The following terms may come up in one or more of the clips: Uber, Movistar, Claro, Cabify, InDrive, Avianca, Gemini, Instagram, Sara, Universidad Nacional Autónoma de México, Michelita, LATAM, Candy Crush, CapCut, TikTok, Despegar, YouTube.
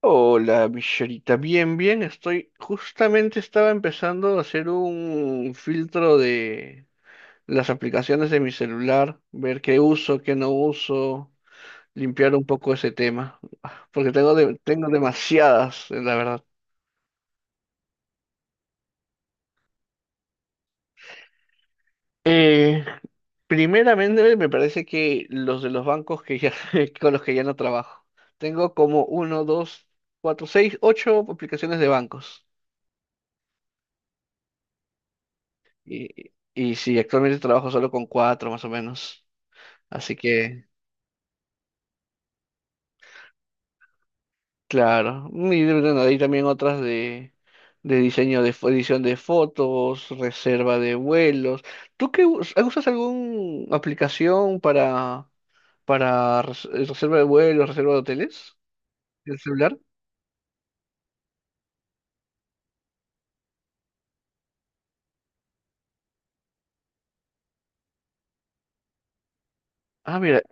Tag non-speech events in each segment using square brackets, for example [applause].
Hola, Michelita. Bien, bien, estoy. Justamente estaba empezando a hacer un filtro de las aplicaciones de mi celular, ver qué uso, qué no uso, limpiar un poco ese tema, porque tengo, tengo demasiadas, la verdad. Eh, Primeramente, me parece que los de los bancos que ya, [laughs] con los que ya no trabajo. Tengo como uno, dos, cuatro, seis, ocho aplicaciones de bancos. Y sí, actualmente trabajo solo con cuatro, más o menos. Así que, claro. Y bueno, hay también otras de diseño de edición de fotos, reserva de vuelos. ¿Tú qué usas alguna aplicación para reserva de vuelos, reserva de hoteles? ¿El celular? Ah, mira.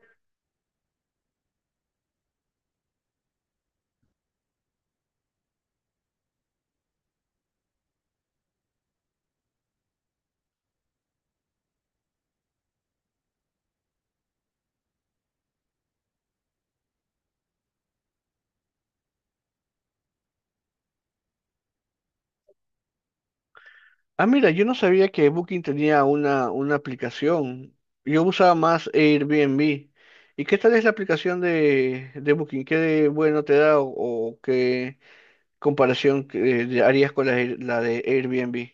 Ah, mira, yo no sabía que Booking tenía una aplicación. Yo usaba más Airbnb. ¿Y qué tal es la aplicación de Booking? ¿Qué de bueno te da o qué? Comparación que harías con la, la de Airbnb.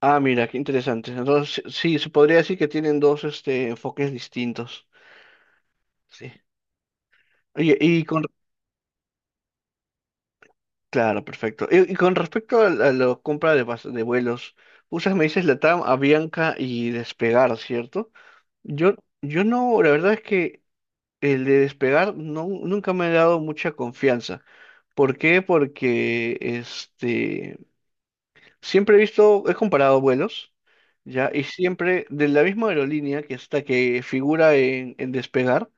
Ah, mira, qué interesante. Entonces, sí, se podría decir que tienen dos este, enfoques distintos. Sí. Oye, y con... Claro, perfecto. Y con respecto a la compra de, de vuelos, usas, me dices, LATAM, Avianca y Despegar, ¿cierto? Yo, yo no, la verdad es que el de Despegar no, nunca me ha dado mucha confianza. ¿Por qué? Porque este... Siempre he visto, he comparado vuelos, ¿ya? Y siempre de la misma aerolínea que está, que figura en Despegar,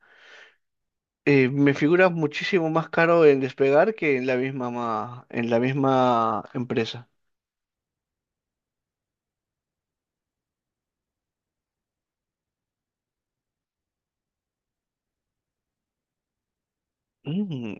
me figura muchísimo más caro en Despegar que en la misma, en la misma empresa. Mm,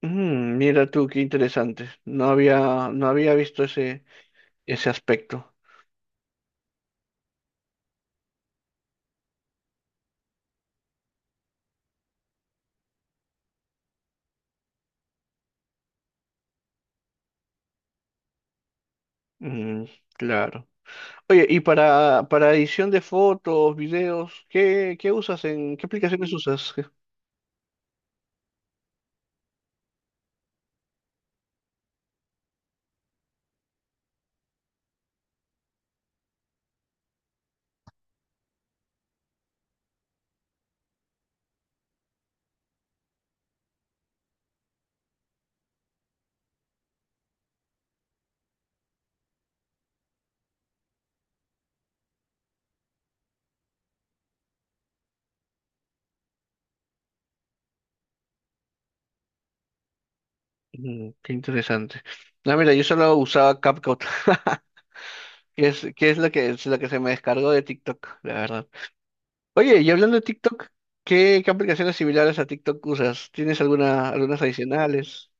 mm, mira tú, qué interesante. No había, no había visto ese, ese aspecto. Mm, claro. Oye, y para edición de fotos, videos, ¿qué, qué usas en, qué aplicaciones usas? Mm, qué interesante. No, mira, yo solo usaba CapCut, [laughs] que es lo que, es lo que se me descargó de TikTok, la verdad. Oye, y hablando de TikTok, ¿qué, qué aplicaciones similares a TikTok usas? ¿Tienes alguna, algunas adicionales?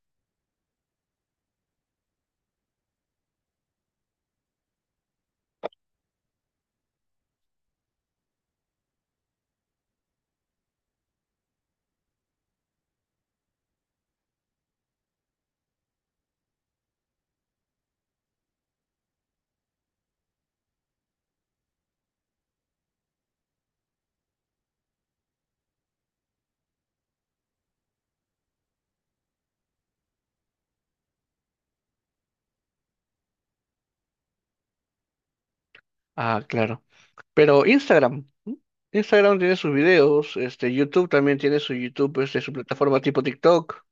Ah, claro. Pero Instagram, ¿m? Instagram tiene sus videos, este, YouTube también tiene su YouTube, este, su plataforma tipo TikTok.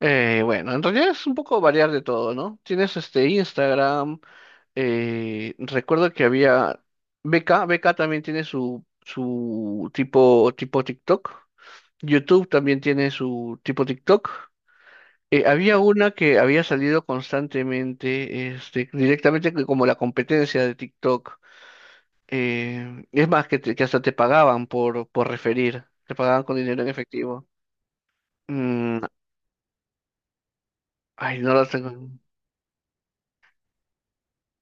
Bueno, en realidad es un poco variar de todo, ¿no? Tienes este Instagram. Recuerdo que había beca también tiene su, su tipo, tipo TikTok. YouTube también tiene su tipo TikTok. Había una que había salido constantemente, este, directamente que como la competencia de TikTok. Es más, que, que hasta te pagaban por referir, te pagaban con dinero en efectivo. Mm, ay, no lo tengo.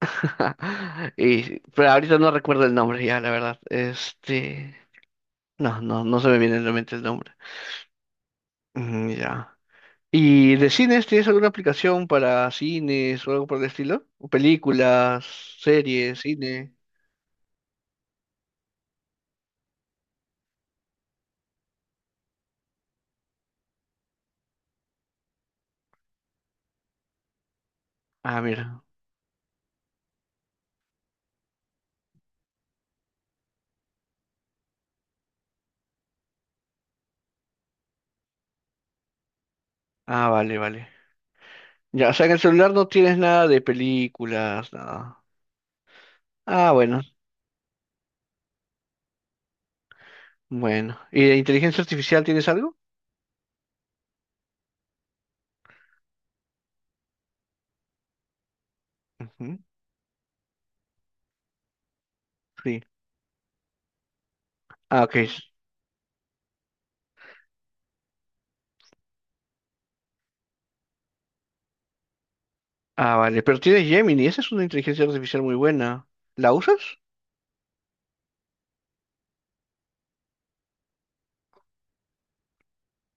[laughs] Y, pero ahorita no recuerdo el nombre ya, la verdad. Este. No, no, no se me viene a la mente el nombre. Mm, ya. ¿Y de cines tienes alguna aplicación para cines o algo por el estilo? ¿O películas, series, cine? Ah, mira. Ah, vale, vale. Ya, o sea, en el celular no tienes nada de películas, nada. Ah, bueno, bueno. ¿Y de inteligencia artificial tienes algo? Ujú, sí. Ah, ok. Ah, vale. Pero tienes Gemini, esa es una inteligencia artificial muy buena. ¿La usas?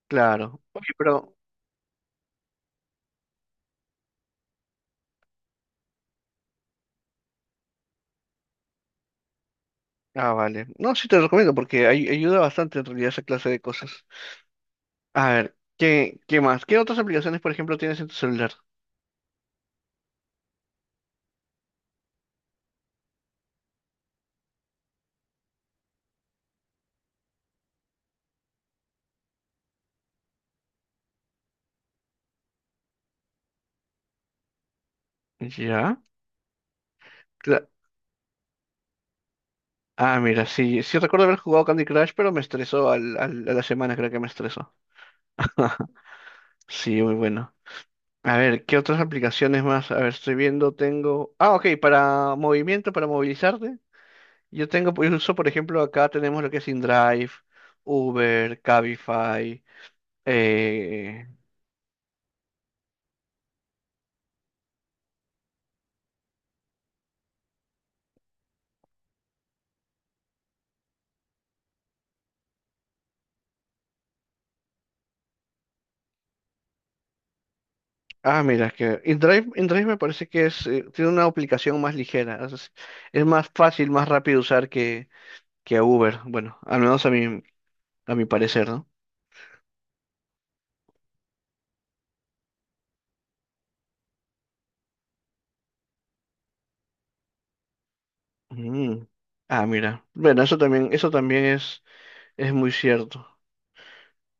Claro. Oye, pero ah, vale. No, sí te lo recomiendo porque ayuda bastante en realidad esa clase de cosas. A ver, ¿qué, qué más? ¿Qué otras aplicaciones, por ejemplo, tienes en tu celular? Ya. cla- Ah, mira, sí, sí recuerdo haber jugado Candy Crush, pero me estresó al, a la semana, creo que me estresó. [laughs] Sí, muy bueno. A ver, ¿qué otras aplicaciones más? A ver, estoy viendo, tengo... Ah, ok, para movimiento, para movilizarte. Yo tengo, pues, uso, por ejemplo, acá tenemos lo que es InDrive, Uber, Cabify, eh. Ah, mira, es que InDrive, InDrive me parece que es, tiene una aplicación más ligera, es más fácil, más rápido de usar que Uber, bueno, al menos a mi parecer, ¿no? Mm. Ah, mira, bueno, eso también es muy cierto.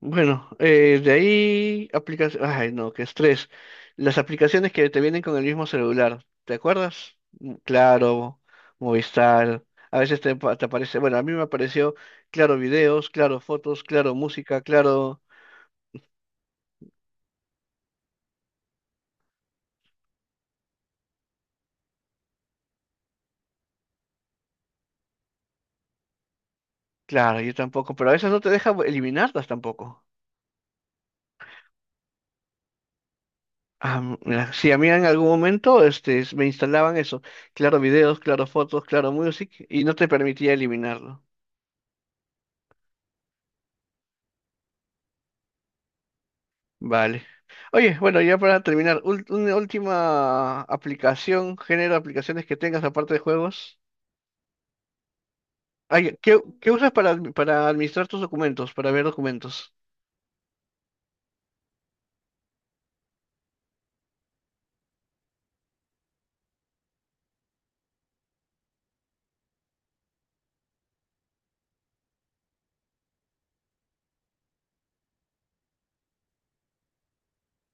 Bueno, de ahí aplicaciones, ay no, qué estrés. Las aplicaciones que te vienen con el mismo celular, ¿te acuerdas? Mm, Claro, Movistar, a veces te, te aparece, bueno, a mí me apareció Claro videos, Claro fotos, Claro música, Claro, claro, yo tampoco, pero a veces no te deja eliminarlas tampoco. Ah, mira, sí, a mí en algún momento este, me instalaban eso, Claro videos, Claro fotos, Claro music, y no te permitía eliminarlo. Vale. Oye, bueno, ya para terminar, una última aplicación, género de aplicaciones que tengas aparte de juegos. Ay, ¿qué, qué usas para, para administrar tus documentos, para ver documentos?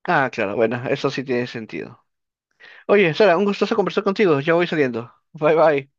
Ah, claro, bueno, eso sí tiene sentido. Oye, Sara, un gustoso conversar contigo. Ya voy saliendo. Bye bye.